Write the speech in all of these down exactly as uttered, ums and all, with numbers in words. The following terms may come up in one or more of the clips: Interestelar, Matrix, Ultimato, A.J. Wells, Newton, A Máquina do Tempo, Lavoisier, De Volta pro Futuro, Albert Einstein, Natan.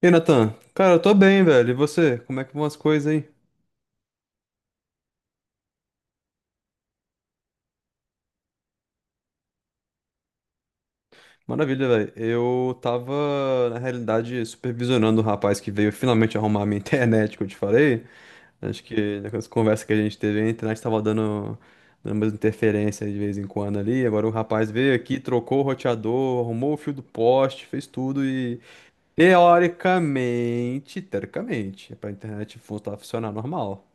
E Natan, cara, eu tô bem, velho. E você? Como é que vão as coisas aí? Maravilha, velho. Eu tava, na realidade, supervisionando o rapaz que veio finalmente arrumar a minha internet, que eu te falei. Acho que naquelas conversas que a gente teve, a internet tava dando, dando umas interferências de vez em quando ali. Agora o rapaz veio aqui, trocou o roteador, arrumou o fio do poste, fez tudo e, teoricamente, teoricamente, é pra internet voltar a funcionar normal.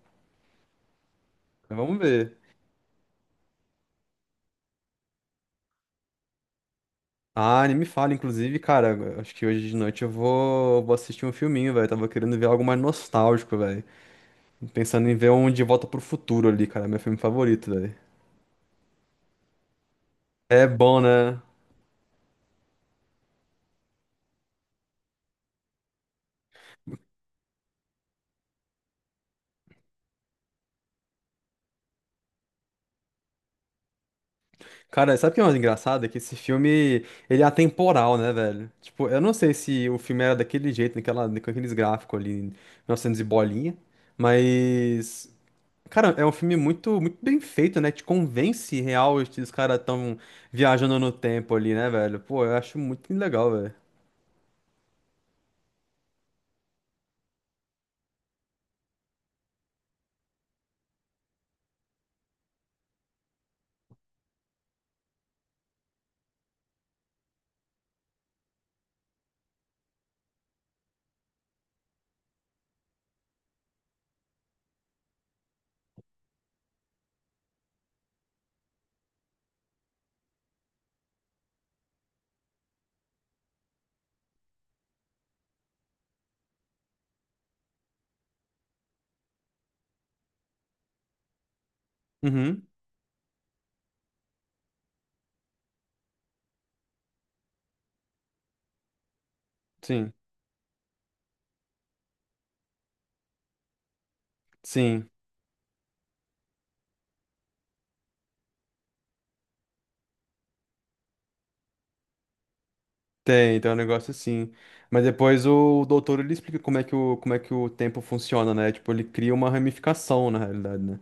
Mas vamos ver. Ah, nem me fala, inclusive, cara, acho que hoje de noite eu vou, vou assistir um filminho, velho. Tava querendo ver algo mais nostálgico, velho. Pensando em ver um De Volta pro Futuro ali, cara, meu filme favorito, velho. É bom, né? Cara, sabe o que é mais engraçado? É que esse filme, ele é atemporal, né, velho? Tipo, eu não sei se o filme era daquele jeito, naquela, com aqueles gráficos ali, mil e novecentos e bolinha, mas cara, é um filme muito, muito bem feito, né? Te convence real que os caras tão viajando no tempo ali, né, velho? Pô, eu acho muito legal, velho. Uhum, sim, sim. Tem, tem um negócio assim. Mas depois o doutor ele explica como é que o, como é que o tempo funciona, né? Tipo, ele cria uma ramificação, na realidade, né?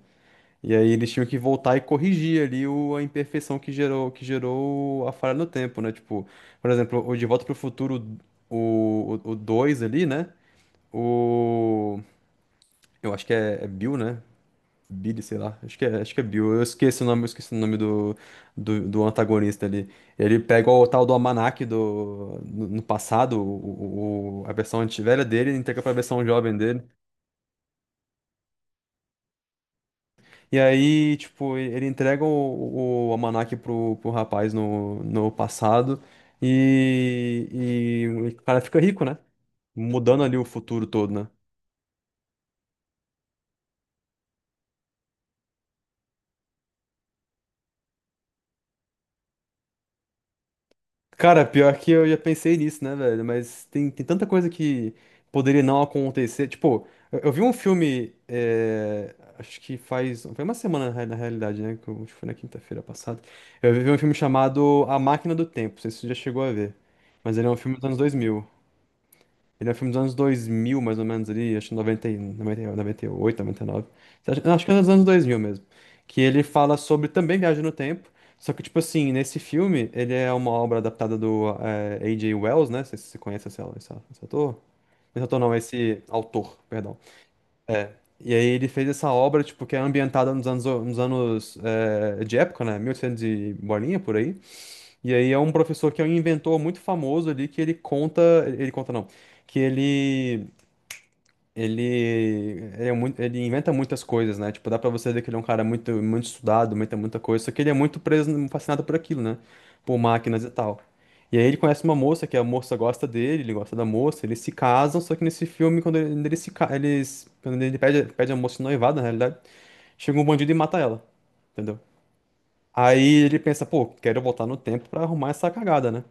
E aí eles tinham que voltar e corrigir ali o, a imperfeição que gerou, que gerou a falha no tempo, né? Tipo, por exemplo, o De Volta pro Futuro, o, o, o dois ali, né? O. Eu acho que é, é Bill, né? Billy, sei lá. Acho que é, acho que é Bill. Eu esqueci o nome, eu esqueci o nome do, do, do antagonista ali. Ele pega o tal do almanaque do, no, no passado, o, o- a versão anti- velha dele, e entrega pra versão jovem dele. E aí, tipo, ele entrega o, o almanaque pro, pro rapaz no, no passado e, e o cara fica rico, né? Mudando ali o futuro todo, né? Cara, pior que eu já pensei nisso, né, velho? Mas tem, tem tanta coisa que poderia não acontecer. Tipo, eu, eu vi um filme, é, acho que faz. Foi uma semana na rea- na realidade, né? que eu- Acho que foi na quinta-feira passada. Eu vi um filme chamado A Máquina do Tempo. Não sei se você já chegou a ver. Mas ele é um filme dos anos dois mil. Ele é um filme dos anos dois mil mais ou menos, ali, acho que noventa, e- noventa e- noventa e oito, noventa e nove. Você acha- Acho que é dos anos dois mil mesmo. Que ele fala sobre também viagem no tempo, só que, tipo assim, nesse filme, ele é uma obra adaptada do eh, A J. Wells, né? Não sei se você conhece esse, esse, esse ator. Esse ator não, esse autor, perdão. E aí ele fez essa obra, tipo, que é ambientada nos anos, nos anos eh, de época, né? Mil e oitocentos e bolinha, por aí. E aí é um professor que é um inventor muito famoso ali, que ele conta... Ele conta, não. Que ele... Ele, ele, é muito, ele inventa muitas coisas, né? Tipo, dá pra você ver que ele é um cara muito, muito estudado, muita, muita coisa, só que ele é muito preso, fascinado por aquilo, né? Por máquinas e tal. E aí ele conhece uma moça, que a moça gosta dele, ele gosta da moça, eles se casam, só que nesse filme, quando ele, quando eles se, ca- eles, quando ele pede, pede a moça em noivado, na realidade, chega um bandido e mata ela, entendeu? Aí ele pensa, pô, quero voltar no tempo pra arrumar essa cagada, né?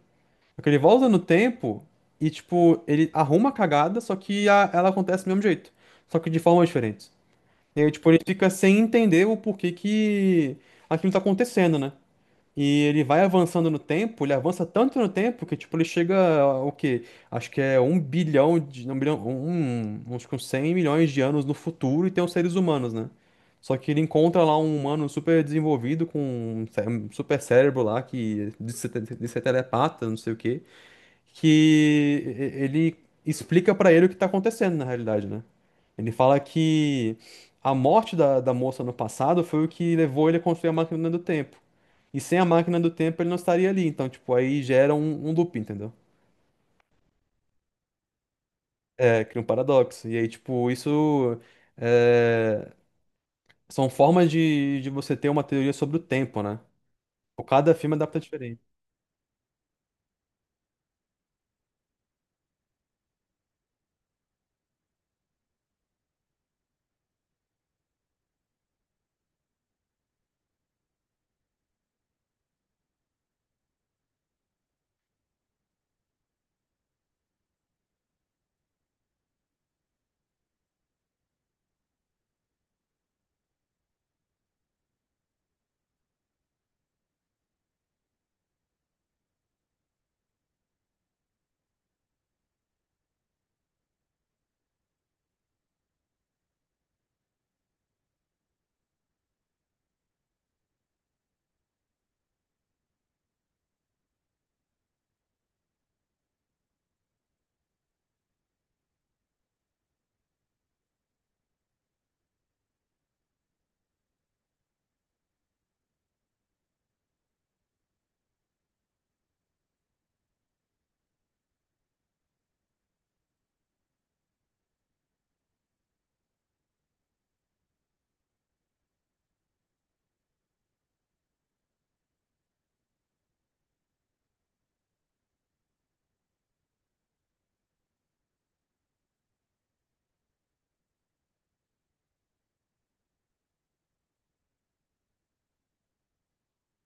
Só que ele volta no tempo e, tipo, ele arruma a cagada, só que a- ela acontece do mesmo jeito. Só que de formas diferentes. E aí, tipo, ele fica sem entender o porquê que aquilo tá acontecendo, né? E ele vai avançando no tempo, ele avança tanto no tempo que, tipo, ele chega, a- o quê? Acho que é um bilhão de... Não, um bilhão... Um, uns com cem milhões de anos no futuro e tem os seres humanos, né? Só que ele encontra lá um humano super desenvolvido com um cé- um super cérebro lá que diz ser diz ser telepata, não sei o quê que ele explica pra ele o que tá acontecendo na realidade, né? Ele fala que a morte da, da moça no passado foi o que levou ele a construir a máquina do tempo. E sem a máquina do tempo ele não estaria ali. Então, tipo, aí gera um, um loop, entendeu? É, cria um paradoxo. E aí, tipo, isso é, são formas de, de você ter uma teoria sobre o tempo, né? Tipo, cada filme adapta diferente.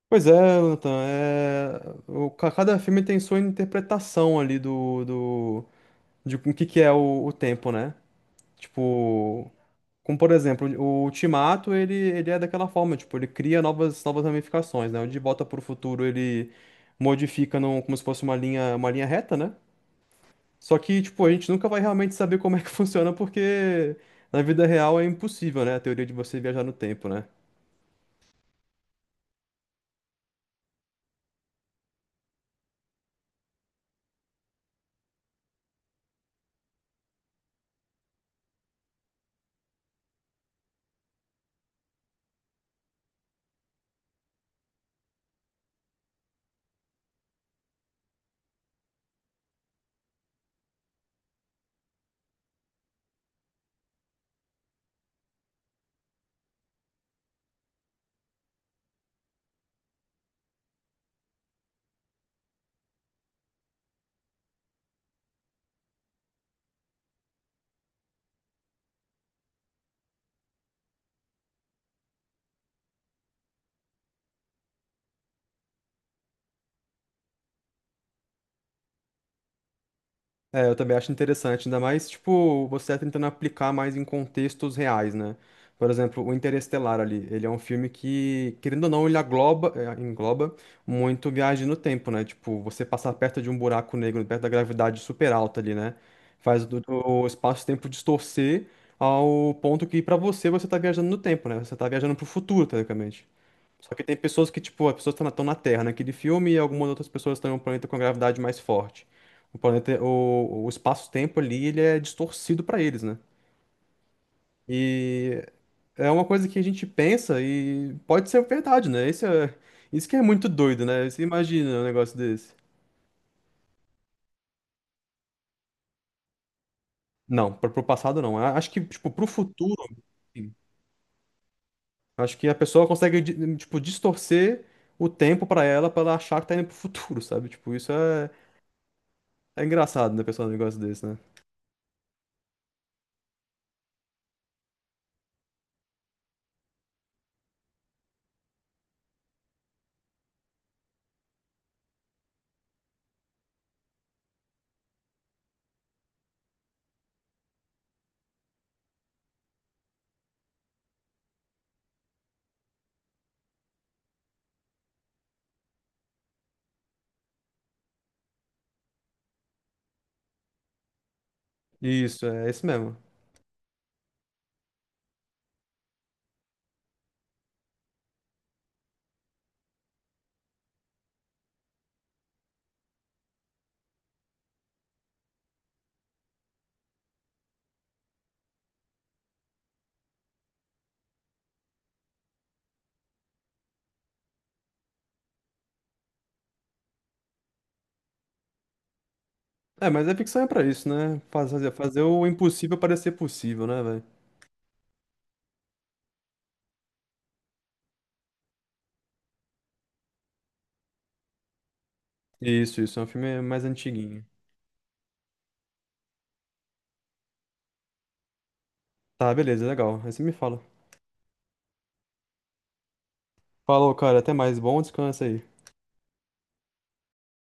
Pois é, Nathan, é, o, ca- cada filme tem sua interpretação ali do, do, de o que que é o, o tempo, né? Tipo, como por exemplo, o Ultimato, ele, ele é daquela forma, tipo, ele cria novas, novas ramificações, né? O De Volta para o Futuro, ele modifica num, como se fosse uma linha, uma linha reta, né? Só que, tipo, a gente nunca vai realmente saber como é que funciona, porque na vida real é impossível, né? A teoria de você viajar no tempo, né? É, eu também acho interessante, ainda mais, tipo, você tentando aplicar mais em contextos reais, né? Por exemplo, o Interestelar ali, ele é um filme que, querendo ou não, ele agloba, é, engloba muito viagem no tempo, né? Tipo, você passar perto de um buraco negro, perto da gravidade super alta ali, né? Faz o, o espaço-tempo distorcer ao ponto que, pra você, você tá viajando no tempo, né? Você tá viajando pro futuro, teoricamente. Só que tem pessoas que, tipo, as pessoas estão na tão na Terra naquele filme e algumas outras pessoas estão em um planeta com a gravidade mais forte. O planeta, o, o espaço-tempo ali, ele é distorcido para eles, né? E é uma coisa que a gente pensa e pode ser verdade, né? Isso é, isso que é muito doido, né? Você imagina um negócio desse. Não, pro, pro passado não. A- Acho que, tipo, pro futuro, sim. Acho que a pessoa consegue, di- tipo, distorcer o tempo para ela, para ela achar que tá indo pro futuro, sabe? Tipo, isso é, é engraçado, né, pessoal, um negócio desse, né? Isso, é esse mesmo. É, mas a ficção é pra isso, né? Faz- Fazer, fazer o impossível parecer possível, né, velho? Isso, isso. É um filme mais antiguinho. Tá, beleza, legal. Aí você me fala. Falou, cara. Até mais. Bom descanso aí.